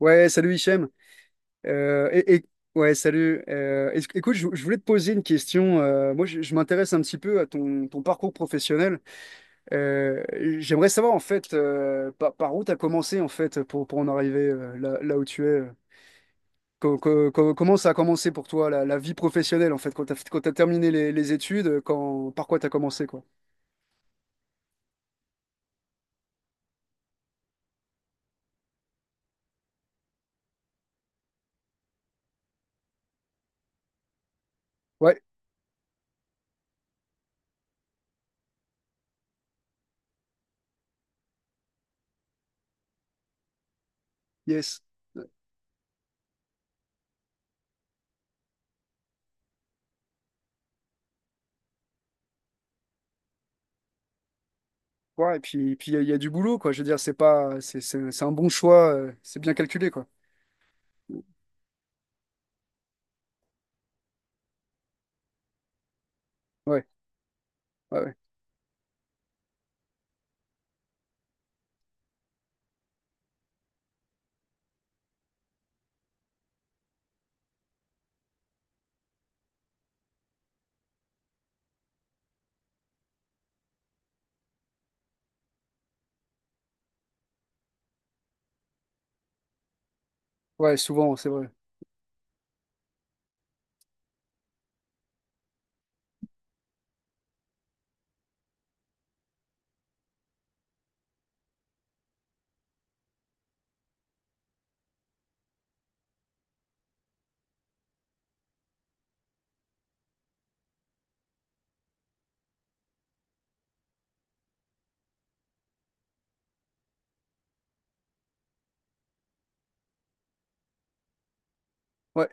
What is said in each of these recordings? Ouais, salut Hichem. Euh, et, et- ouais, salut. Écoute, je voulais te poser une question. Moi, je m'intéresse un petit peu à ton parcours professionnel. Euh, J'aimerais savoir en fait par où tu as commencé en fait pour en arriver là où tu es. Comment ça a commencé pour toi la vie professionnelle en fait quand t'as terminé les études, quand, par quoi tu as commencé quoi? Ouais, yes. Ouais, et puis il y a du boulot quoi. Je veux dire, c'est pas, c'est un bon choix, c'est bien calculé quoi. Ouais, ouais, ouais. Ouais, souvent, c'est vrai. Ouais.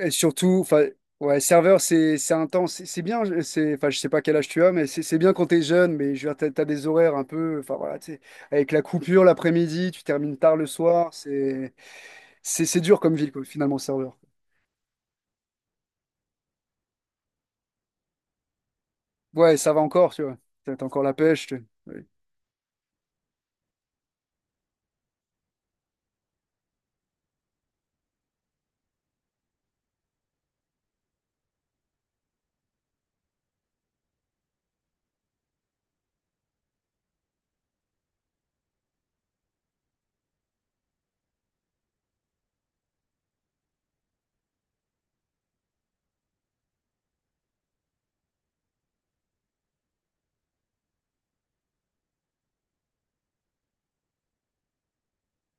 Et surtout, enfin, ouais, serveur, c'est intense. C'est bien, c'est, enfin, je sais pas quel âge tu as, mais c'est bien quand t'es jeune, mais je veux dire, t'as des horaires un peu, enfin voilà, tu sais, avec la coupure l'après-midi, tu termines tard le soir, c'est c'est dur comme ville, quoi, finalement, serveur. Ouais, ça va encore, tu vois. T'as encore la pêche. Ouais,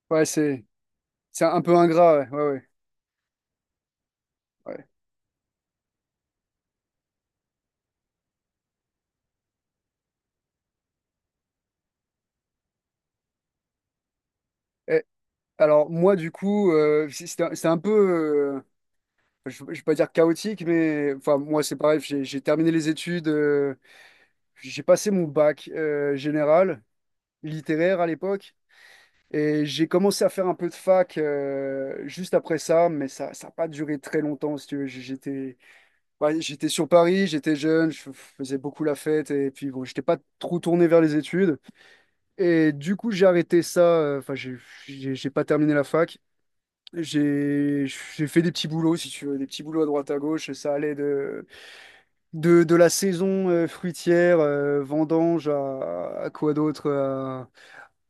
ouais, c'est un peu ingrat, ouais, ouais, ouais. Ouais. Et alors, moi, du coup, c'est un c'est un peu. Je je vais pas dire chaotique, mais enfin, moi, c'est pareil, j'ai terminé les études. J'ai passé mon bac général, littéraire à l'époque, et j'ai commencé à faire un peu de fac juste après ça, mais ça n'a pas duré très longtemps, si tu veux. J'étais, ouais, j'étais sur Paris, j'étais jeune, faisais beaucoup la fête, et puis bon, j'étais pas trop tourné vers les études. Et du coup, j'ai arrêté ça, enfin, j'ai pas terminé la fac. J'ai fait des petits boulots, si tu veux, des petits boulots à droite à gauche, ça allait de de la saison fruitière, vendange, à quoi d'autre? À,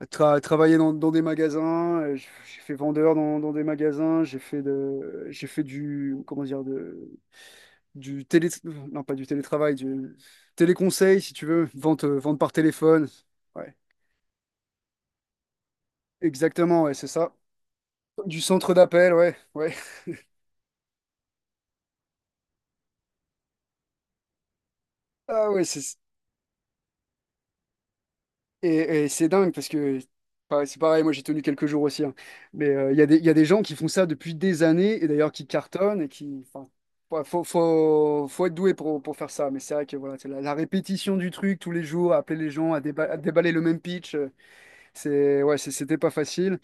travailler dans des magasins. J'ai fait vendeur dans des magasins. J'ai fait de, j'ai fait du, comment dire, de, du télé, non pas du télétravail, du téléconseil, si tu veux, vente, vente par téléphone. Ouais, exactement, ouais, c'est ça. Du centre d'appel, ouais, ouais. Ah ouais, c'est et c'est dingue parce que pareil, c'est pareil, moi j'ai tenu quelques jours aussi, hein. Mais il y a des, il y a des gens qui font ça depuis des années et d'ailleurs qui cartonnent et qui. Enfin, ouais, faut être doué pour faire ça. Mais c'est vrai que voilà, c'est la répétition du truc tous les jours, appeler les gens à, à déballer le même pitch, c'est, ouais, c'était pas facile.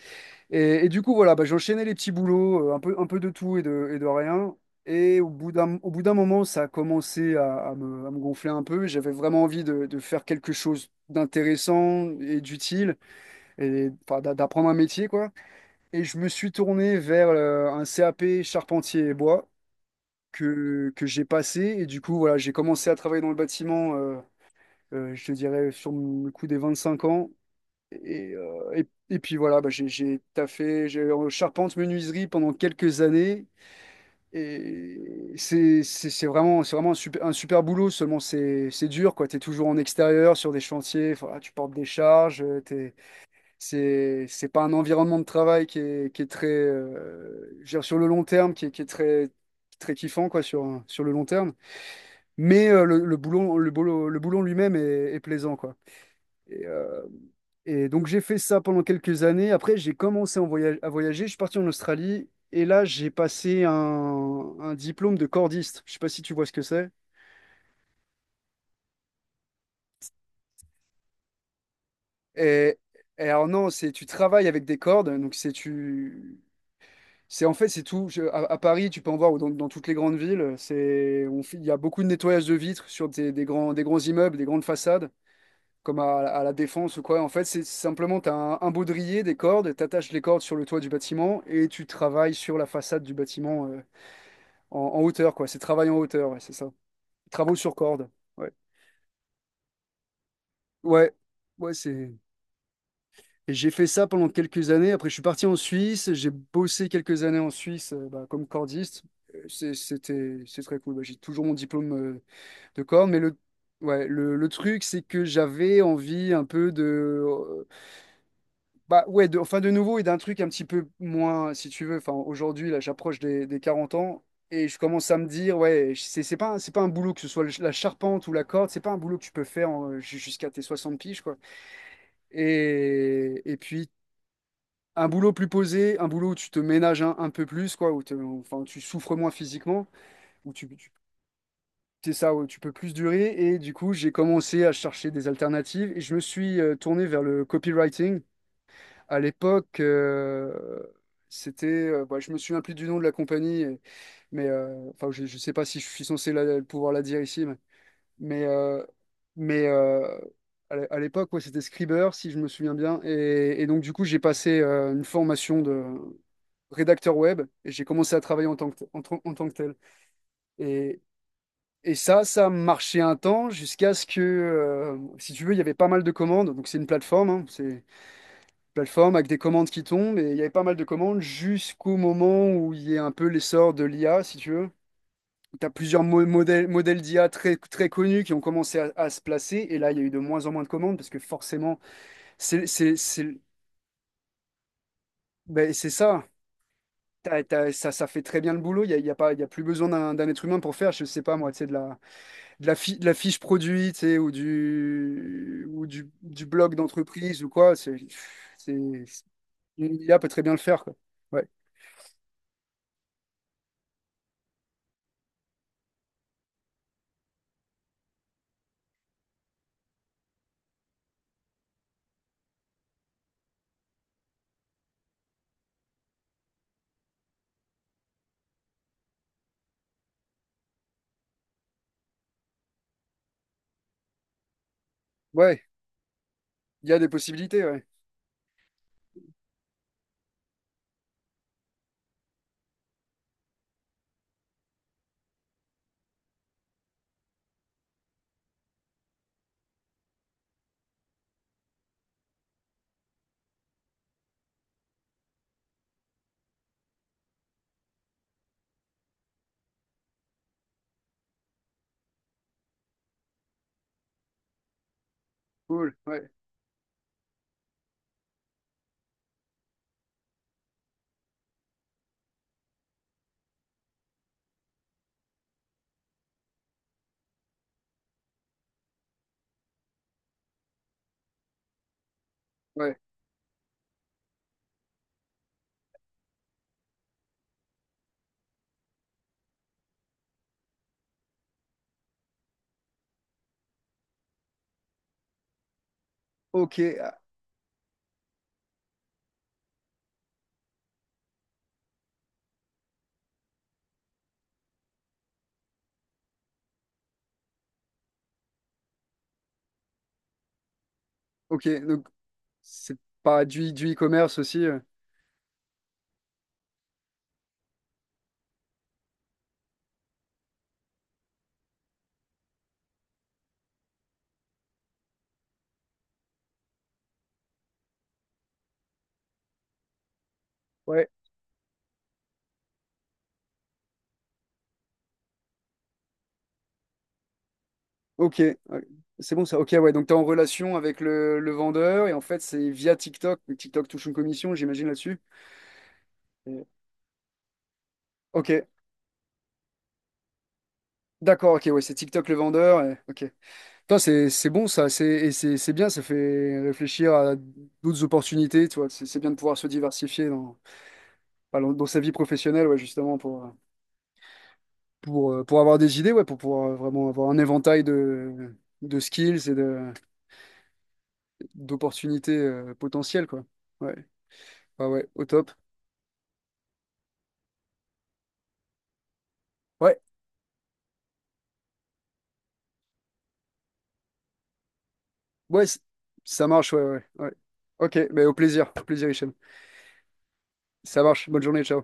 Et du coup, voilà, bah, j'enchaînais les petits boulots, un peu de tout et de rien. Et au bout d'un moment, ça a commencé à me gonfler un peu. J'avais vraiment envie de faire quelque chose d'intéressant et d'utile, et enfin, d'apprendre un métier, quoi. Et je me suis tourné vers un CAP charpentier et bois que j'ai passé. Et du coup, voilà, j'ai commencé à travailler dans le bâtiment, je te dirais, sur le coup des 25 ans. Et puis voilà, bah, j'ai taffé, j'ai en charpente menuiserie pendant quelques années. Et c'est vraiment un super boulot, seulement c'est dur, quoi. Tu es toujours en extérieur, sur des chantiers, voilà, tu portes des charges, t'es, c'est pas un environnement de travail qui est très, je veux dire, sur le long terme, qui est très, très kiffant, quoi, sur, sur le long terme. Mais le boulot, le boulot, le boulot lui-même est, est plaisant, quoi. Et donc j'ai fait ça pendant quelques années. Après, j'ai commencé à voyager. Je suis parti en Australie et là, j'ai passé un diplôme de cordiste. Je sais pas si tu vois ce que c'est. Et, et alors non, c'est tu travailles avec des cordes. Donc c'est tu, c'est en fait c'est tout. À, à Paris, tu peux en voir ou dans, dans toutes les grandes villes. C'est, il y a beaucoup de nettoyage de vitres sur des grands immeubles, des grandes façades. Comme à la Défense ou quoi. En fait, c'est simplement, tu as un baudrier, des cordes, tu attaches les cordes sur le toit du bâtiment et tu travailles sur la façade du bâtiment. En, en hauteur, quoi. C'est travail en hauteur, ouais, c'est ça. Travaux sur corde. Ouais. Ouais. Ouais, c'est. Et j'ai fait ça pendant quelques années. Après, je suis parti en Suisse. J'ai bossé quelques années en Suisse bah, comme cordiste. C'était, c'est très cool. Bah, j'ai toujours mon diplôme de corde. Mais le, ouais, le truc, c'est que j'avais envie un peu de Bah ouais, de, enfin de nouveau et d'un truc un petit peu moins, si tu veux. Enfin, aujourd'hui, là, j'approche des 40 ans et je commence à me dire, ouais, c'est pas, c'est pas un boulot, que ce soit la charpente ou la corde, c'est pas un boulot que tu peux faire jusqu'à tes 60 piges, quoi. Et puis, un boulot plus posé, un boulot où tu te ménages un peu plus, quoi, enfin, tu souffres moins physiquement, où tu, tu- c'est ça, où tu peux plus durer. Et du coup, j'ai commencé à chercher des alternatives et je me suis tourné vers le copywriting. À l'époque, c'était, bah, je me souviens plus du nom de la compagnie, et- mais enfin, je sais pas si je suis censé pouvoir la dire ici, mais, euh, mais à l'époque, ouais, c'était Scriber, si je me souviens bien, et donc du coup, j'ai passé une formation de rédacteur web et j'ai commencé à travailler en tant que tel. Et, et ça, ça marchait un temps jusqu'à ce que, si tu veux, il y avait pas mal de commandes, donc c'est une plateforme, hein, c'est plateforme avec des commandes qui tombent, et il y avait pas mal de commandes jusqu'au moment où il y a un peu l'essor de l'IA, si tu veux. Tu as plusieurs modèles, modèles d'IA très, très connus qui ont commencé à se placer, et là, il y a eu de moins en moins de commandes, parce que forcément, c'est c'est- c'est- ben, c'est ça. Ça, ça fait très bien le boulot, il n'y a, il y a pas, il y a plus besoin d'un être humain pour faire, je sais pas moi, tu sais, de la, de la, de la fiche produit, tu sais, ou du blog d'entreprise ou quoi, une IA peut très bien le faire, quoi. Ouais. Ouais. Il y a des possibilités, ouais. Cool, ouais, ouais. Ok, ah, ok. Donc, c'est pas du, du e-commerce aussi. Ouais, ok. Ouais. C'est bon ça. Ok, ouais. Donc, tu es en relation avec le vendeur et en fait, c'est via TikTok. Mais TikTok touche une commission, j'imagine, là-dessus. Et- Ok, d'accord, ok. Ouais, c'est TikTok le vendeur. Ok. Putain, c'est bon ça. C'est et c'est c'est bien. Ça fait réfléchir à d'autres opportunités, tu vois. C'est bien de pouvoir se diversifier dans, enfin, dans dans sa vie professionnelle, ouais, justement, pour. Pour avoir des idées, ouais, pour pouvoir vraiment avoir un éventail de skills et de, d'opportunités potentielles, quoi. Ouais, ah ouais, au top. Ouais, ouais, ça marche, ouais, ouais, ouais. Ok, mais au plaisir, Hichem. Ça marche, bonne journée, ciao.